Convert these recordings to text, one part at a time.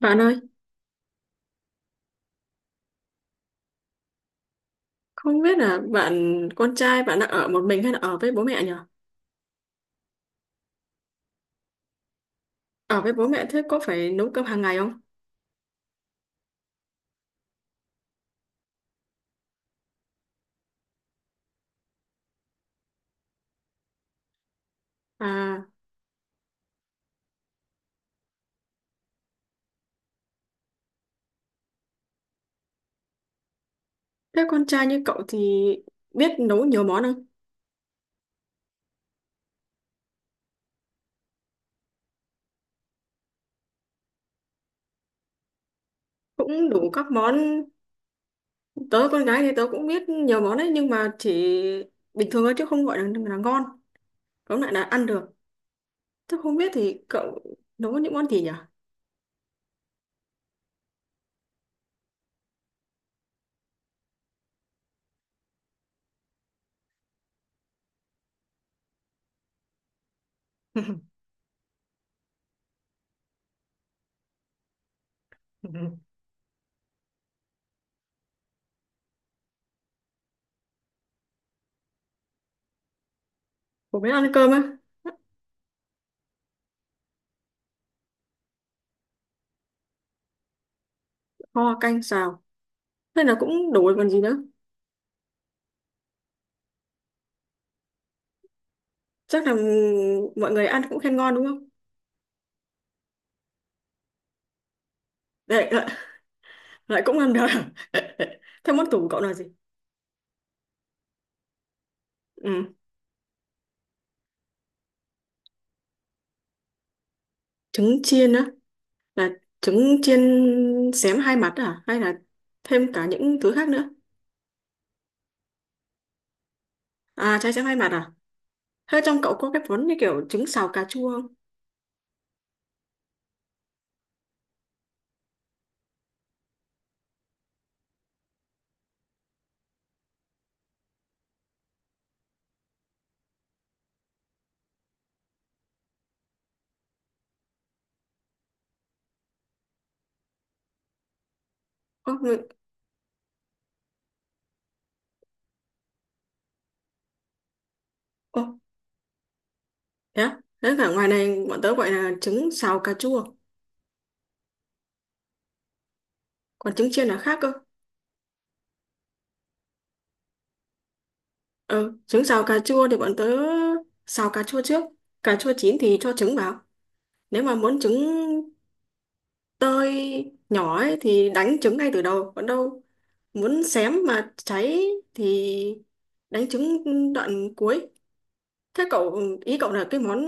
Bạn ơi, không biết là bạn con trai bạn đang ở một mình hay là ở với bố mẹ nhỉ? Ở với bố mẹ thế có phải nấu cơm hàng ngày không? À, thế con trai như cậu thì biết nấu nhiều món không? Cũng đủ các món, tớ con gái thì tớ cũng biết nhiều món đấy nhưng mà chỉ bình thường thôi chứ không gọi là ngon, tóm lại là ăn được. Thế không biết thì cậu nấu những món gì nhỉ? Bố biết ăn cơm á, kho canh xào, thế là cũng đủ rồi còn gì nữa. Chắc là mọi người ăn cũng khen ngon đúng không? Đấy, lại cũng ăn được thế món tủ của cậu là gì? Ừ. Trứng chiên á? Là trứng chiên xém hai mặt à hay là thêm cả những thứ khác nữa? À, trái xém hai mặt à? Thế trong cậu có cái món như kiểu trứng xào cà chua không? Có. Ô, thế á? Thế cả ngoài này bọn tớ gọi là trứng xào cà chua, còn trứng chiên là khác cơ. Ừ, trứng xào cà chua thì bọn tớ xào cà chua trước, cà chua chín thì cho trứng vào, nếu mà muốn trứng tơi nhỏ ấy thì đánh trứng ngay từ đầu, còn đâu muốn xém mà cháy thì đánh trứng đoạn cuối. Thế cậu, ý cậu là cái món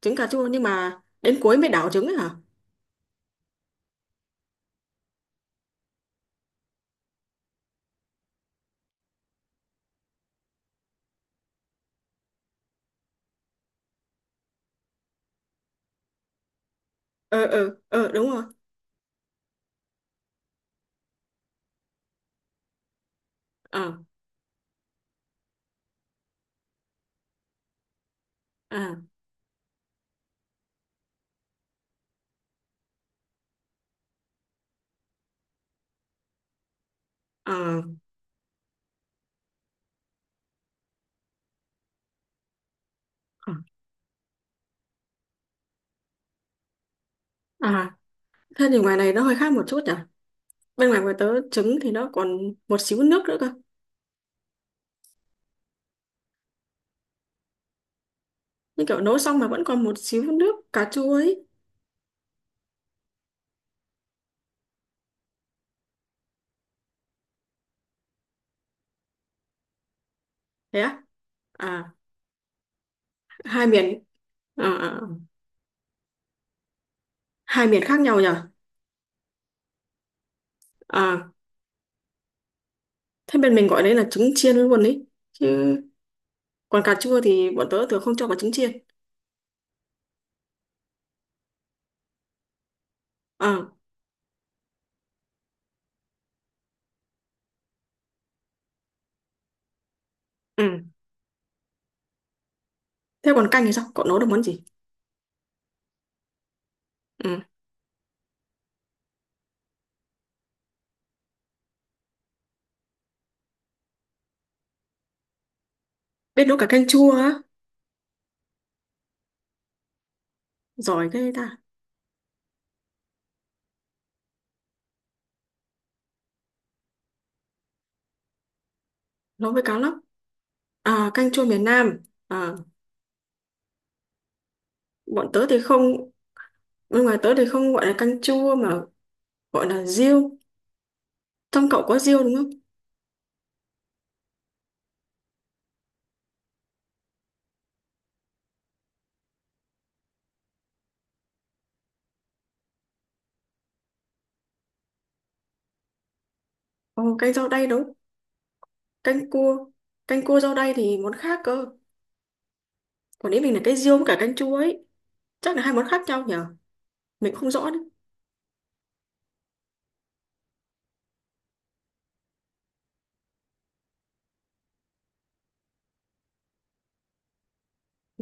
trứng cà chua nhưng mà đến cuối mới đảo trứng ấy hả? Ờ, ờ, ờ, đúng rồi. Ờ. À, à, à, à. Thế thì ngoài này nó hơi khác một chút nhỉ, bên ngoài của tớ trứng thì nó còn một xíu nước nữa cơ. Như kiểu nấu xong mà vẫn còn một xíu nước cà chua ấy. Thế á? À. Hai miền, à, à, hai miền khác nhau nhỉ. À, thế bên mình gọi đấy là trứng chiên luôn ấy chứ, còn cà chua thì bọn tớ thường không cho vào trứng chiên. Ờ. Ừ, thế còn canh thì sao cậu nấu được món gì? Ừ, biết nấu cả canh chua á? Giỏi ghê ta. Nấu với cá lóc à? Canh chua miền Nam. À, bọn tớ thì không, bên ngoài tớ thì không gọi là canh chua mà gọi là riêu. Trong cậu có riêu đúng không? Ồ, canh rau đay đúng. canh cua Canh cua rau đay thì món khác cơ, còn ý mình là cái riêu với cả canh chua ấy, chắc là hai món khác nhau nhở, mình không rõ đấy.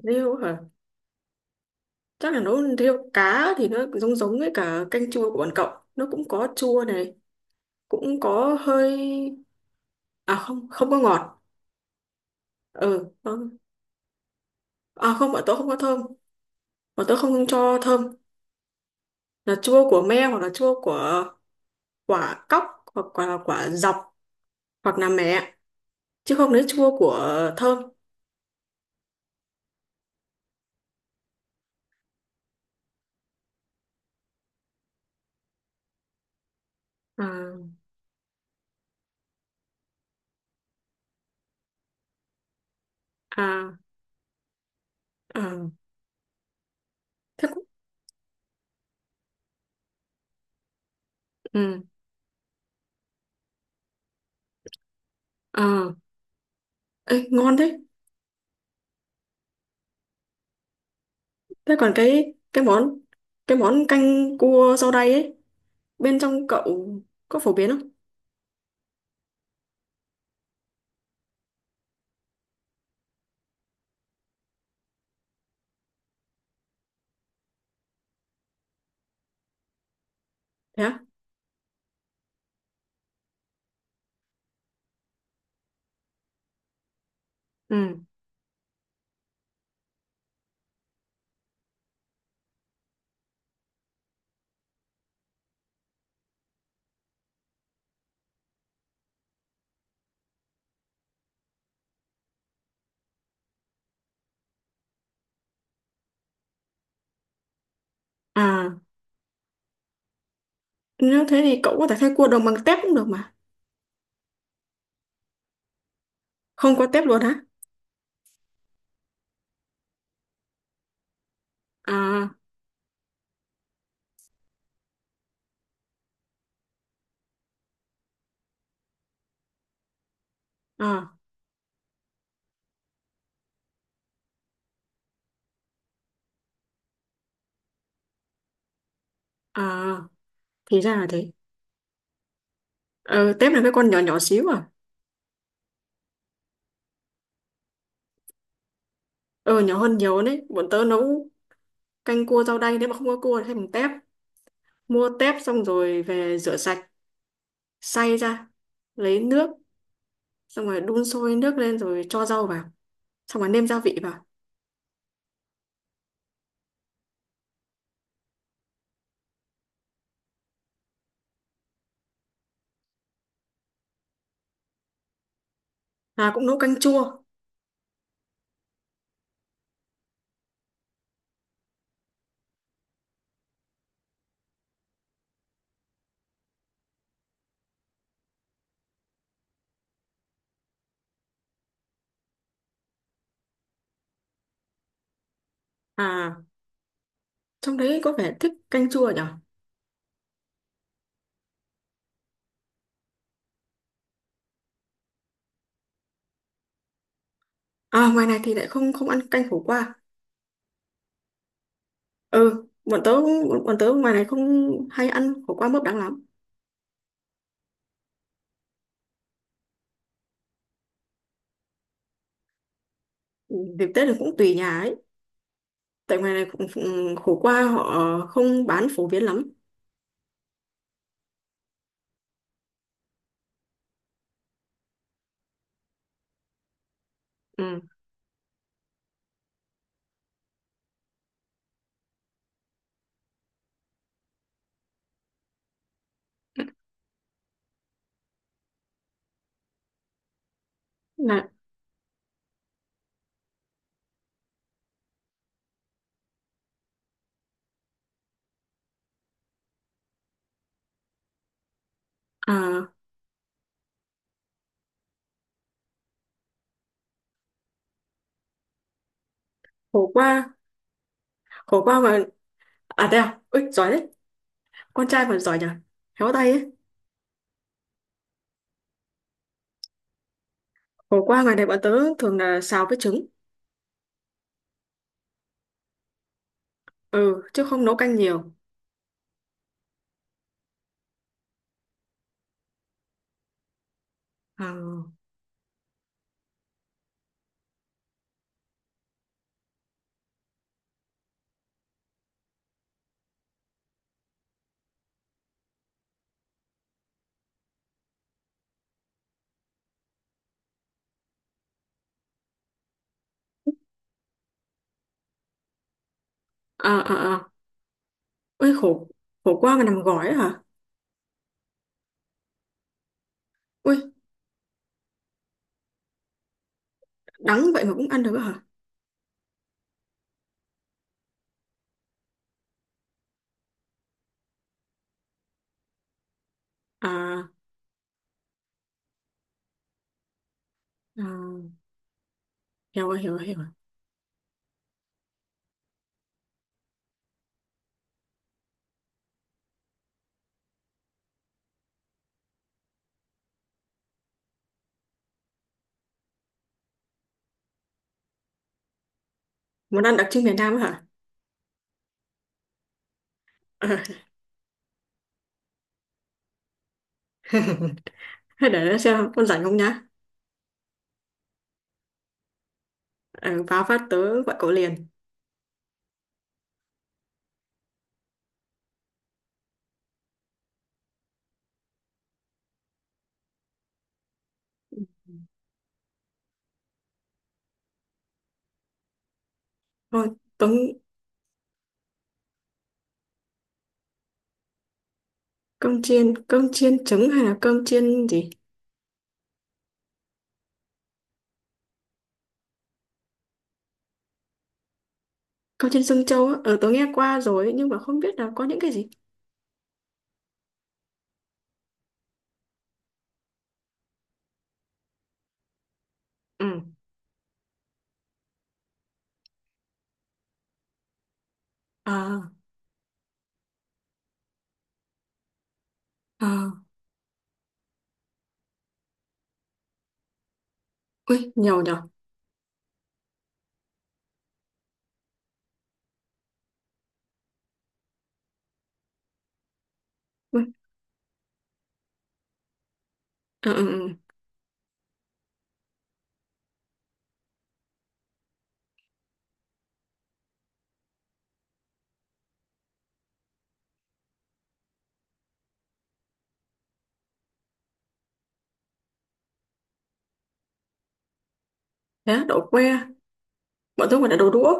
Riêu hả? Chắc là nấu theo cá thì nó giống giống với cả canh chua của bọn cậu, nó cũng có chua này, cũng có hơi, à không, không có ngọt. Ừ không. À không, bọn tớ không có thơm, bọn tớ không cho thơm. Là chua của me, hoặc là chua của quả cóc, hoặc là quả dọc, hoặc là mẹ, chứ không lấy chua của thơm. À, à, à, thế cũng. Ừ. À. Ê, ngon thế. Thế còn cái món canh cua rau đay ấy, bên trong cậu có phổ biến không? Thế á? Ừ. À, nếu thế thì cậu có thể thay cua đồng bằng tép cũng được mà. Không có tép luôn hả? À, à, à, thì ra là thế. Ờ, tép là cái con nhỏ nhỏ xíu à? Ờ, nhỏ hơn nhiều đấy, bọn tớ nấu canh cua rau đay nếu mà không có cua thì thay bằng tép, mua tép xong rồi về rửa sạch, xay ra, lấy nước, xong rồi đun sôi nước lên rồi cho rau vào, xong rồi nêm gia vị vào. À, cũng nấu canh chua. À, trong đấy có vẻ thích canh chua nhỉ. À, ngoài này thì lại không không ăn canh khổ qua. Ừ, bọn tớ ngoài này không hay ăn khổ qua mướp đắng lắm. Ừ, dịp Tết là cũng tùy nhà ấy. Tại ngoài này cũng, khổ qua họ không bán phổ biến lắm. Ừ. Là, à, Khổ qua khổ qua mà, à đây à, ui, giỏi đấy. Con trai mà giỏi nhỉ. Khéo tay ấy. Khổ qua ngoài này bọn tớ thường là xào với trứng. Ừ, chứ không nấu canh nhiều. À, à, à, à. Ui, khổ khổ qua mà nằm gói ấy hả? Ui, đắng vậy mà cũng ăn được ấy hả? À, à, hiểu rồi hiểu rồi hiểu rồi. Món ăn đặc trưng miền Nam hả? Ờ. Thế để xem con rảnh không nhá. Ờ, vào phát tớ gọi cậu liền. Thôi tớ, cơm chiên, cơm chiên trứng hay là cơm chiên gì? Cơm chiên Dương Châu á? Ờ, tớ nghe qua rồi ấy, nhưng mà không biết là có những cái gì. Ừ. Ờ, ờ. Ui, nhiều nhở. Ui. Ờ. Ừ, ừ. Thế á, đậu que, bọn tớ gọi là đậu đũa.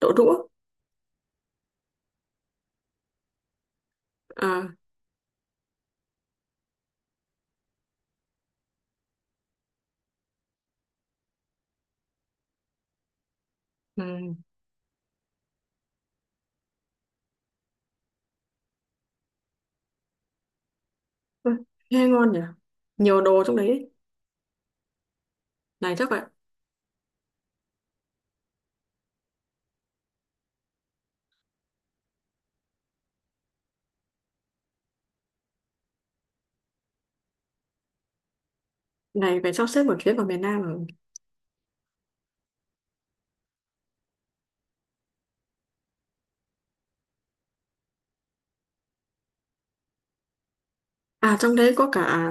Đậu đũa. Ờ. Ừ. Ui, nghe ngon nhỉ, nhiều đồ trong đấy. Này chắc vậy. Này phải sắp xếp một chuyến vào miền Nam rồi. À, trong đấy có cả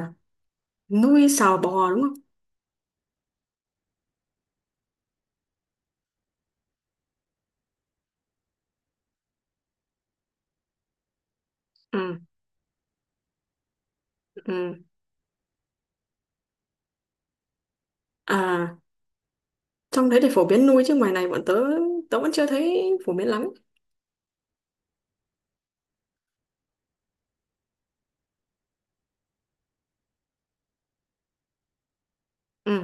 nuôi sò bò đúng không? Ừ, ừ. À, trong đấy thì phổ biến nuôi chứ ngoài này bọn tớ tớ vẫn chưa thấy phổ biến lắm. Ừ,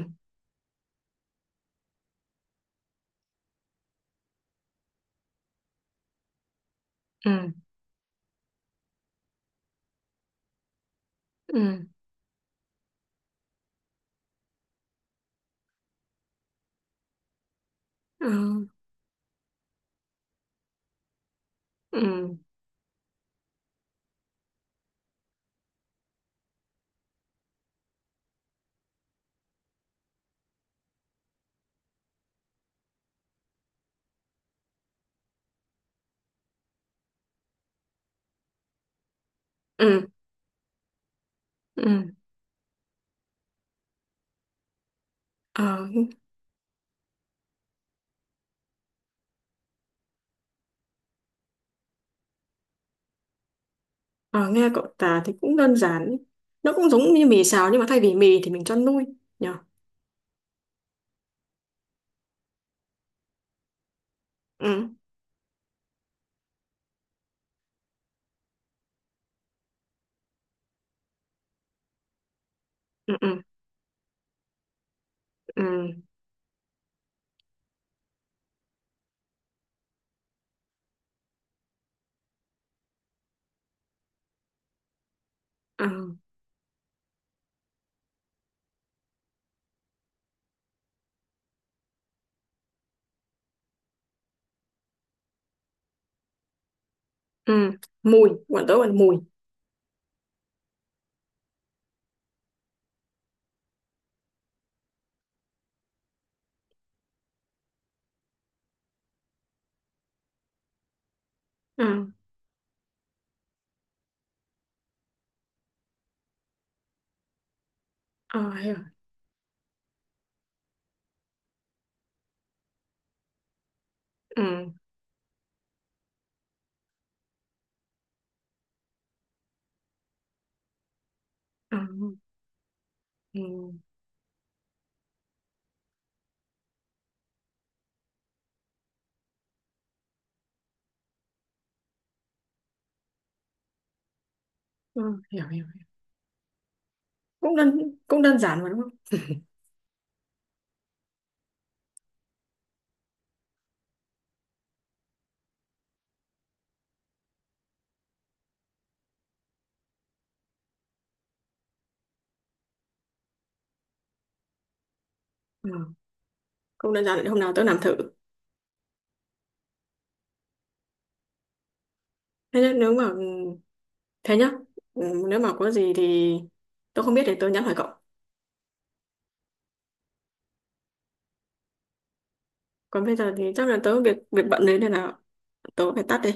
ừ, ừ, Ờ, ừ, ừ, ừ. Ờ. Ờ, nghe cậu tả thì cũng đơn giản ấy. Nó cũng giống như mì xào nhưng mà thay vì mì thì mình cho nuôi nhở. Ừ, ừ, ừ, ừ. Ờ, ừ, mùi bọn tớ gọi là mùi. Ừ. Ờ, hiểu. Ừ, ừ, ừ. Ờ, hiểu hiểu hiểu. cũng đơn Cũng đơn giản mà đúng không? Ừ, không đơn giản, hôm nào tớ làm thử. thế nhá nếu mà Thế nhá. Ừ, nếu mà có gì thì tớ không biết thì tớ nhắn hỏi cậu, còn bây giờ thì chắc là tớ việc việc bận đấy nên là tớ phải tắt đi.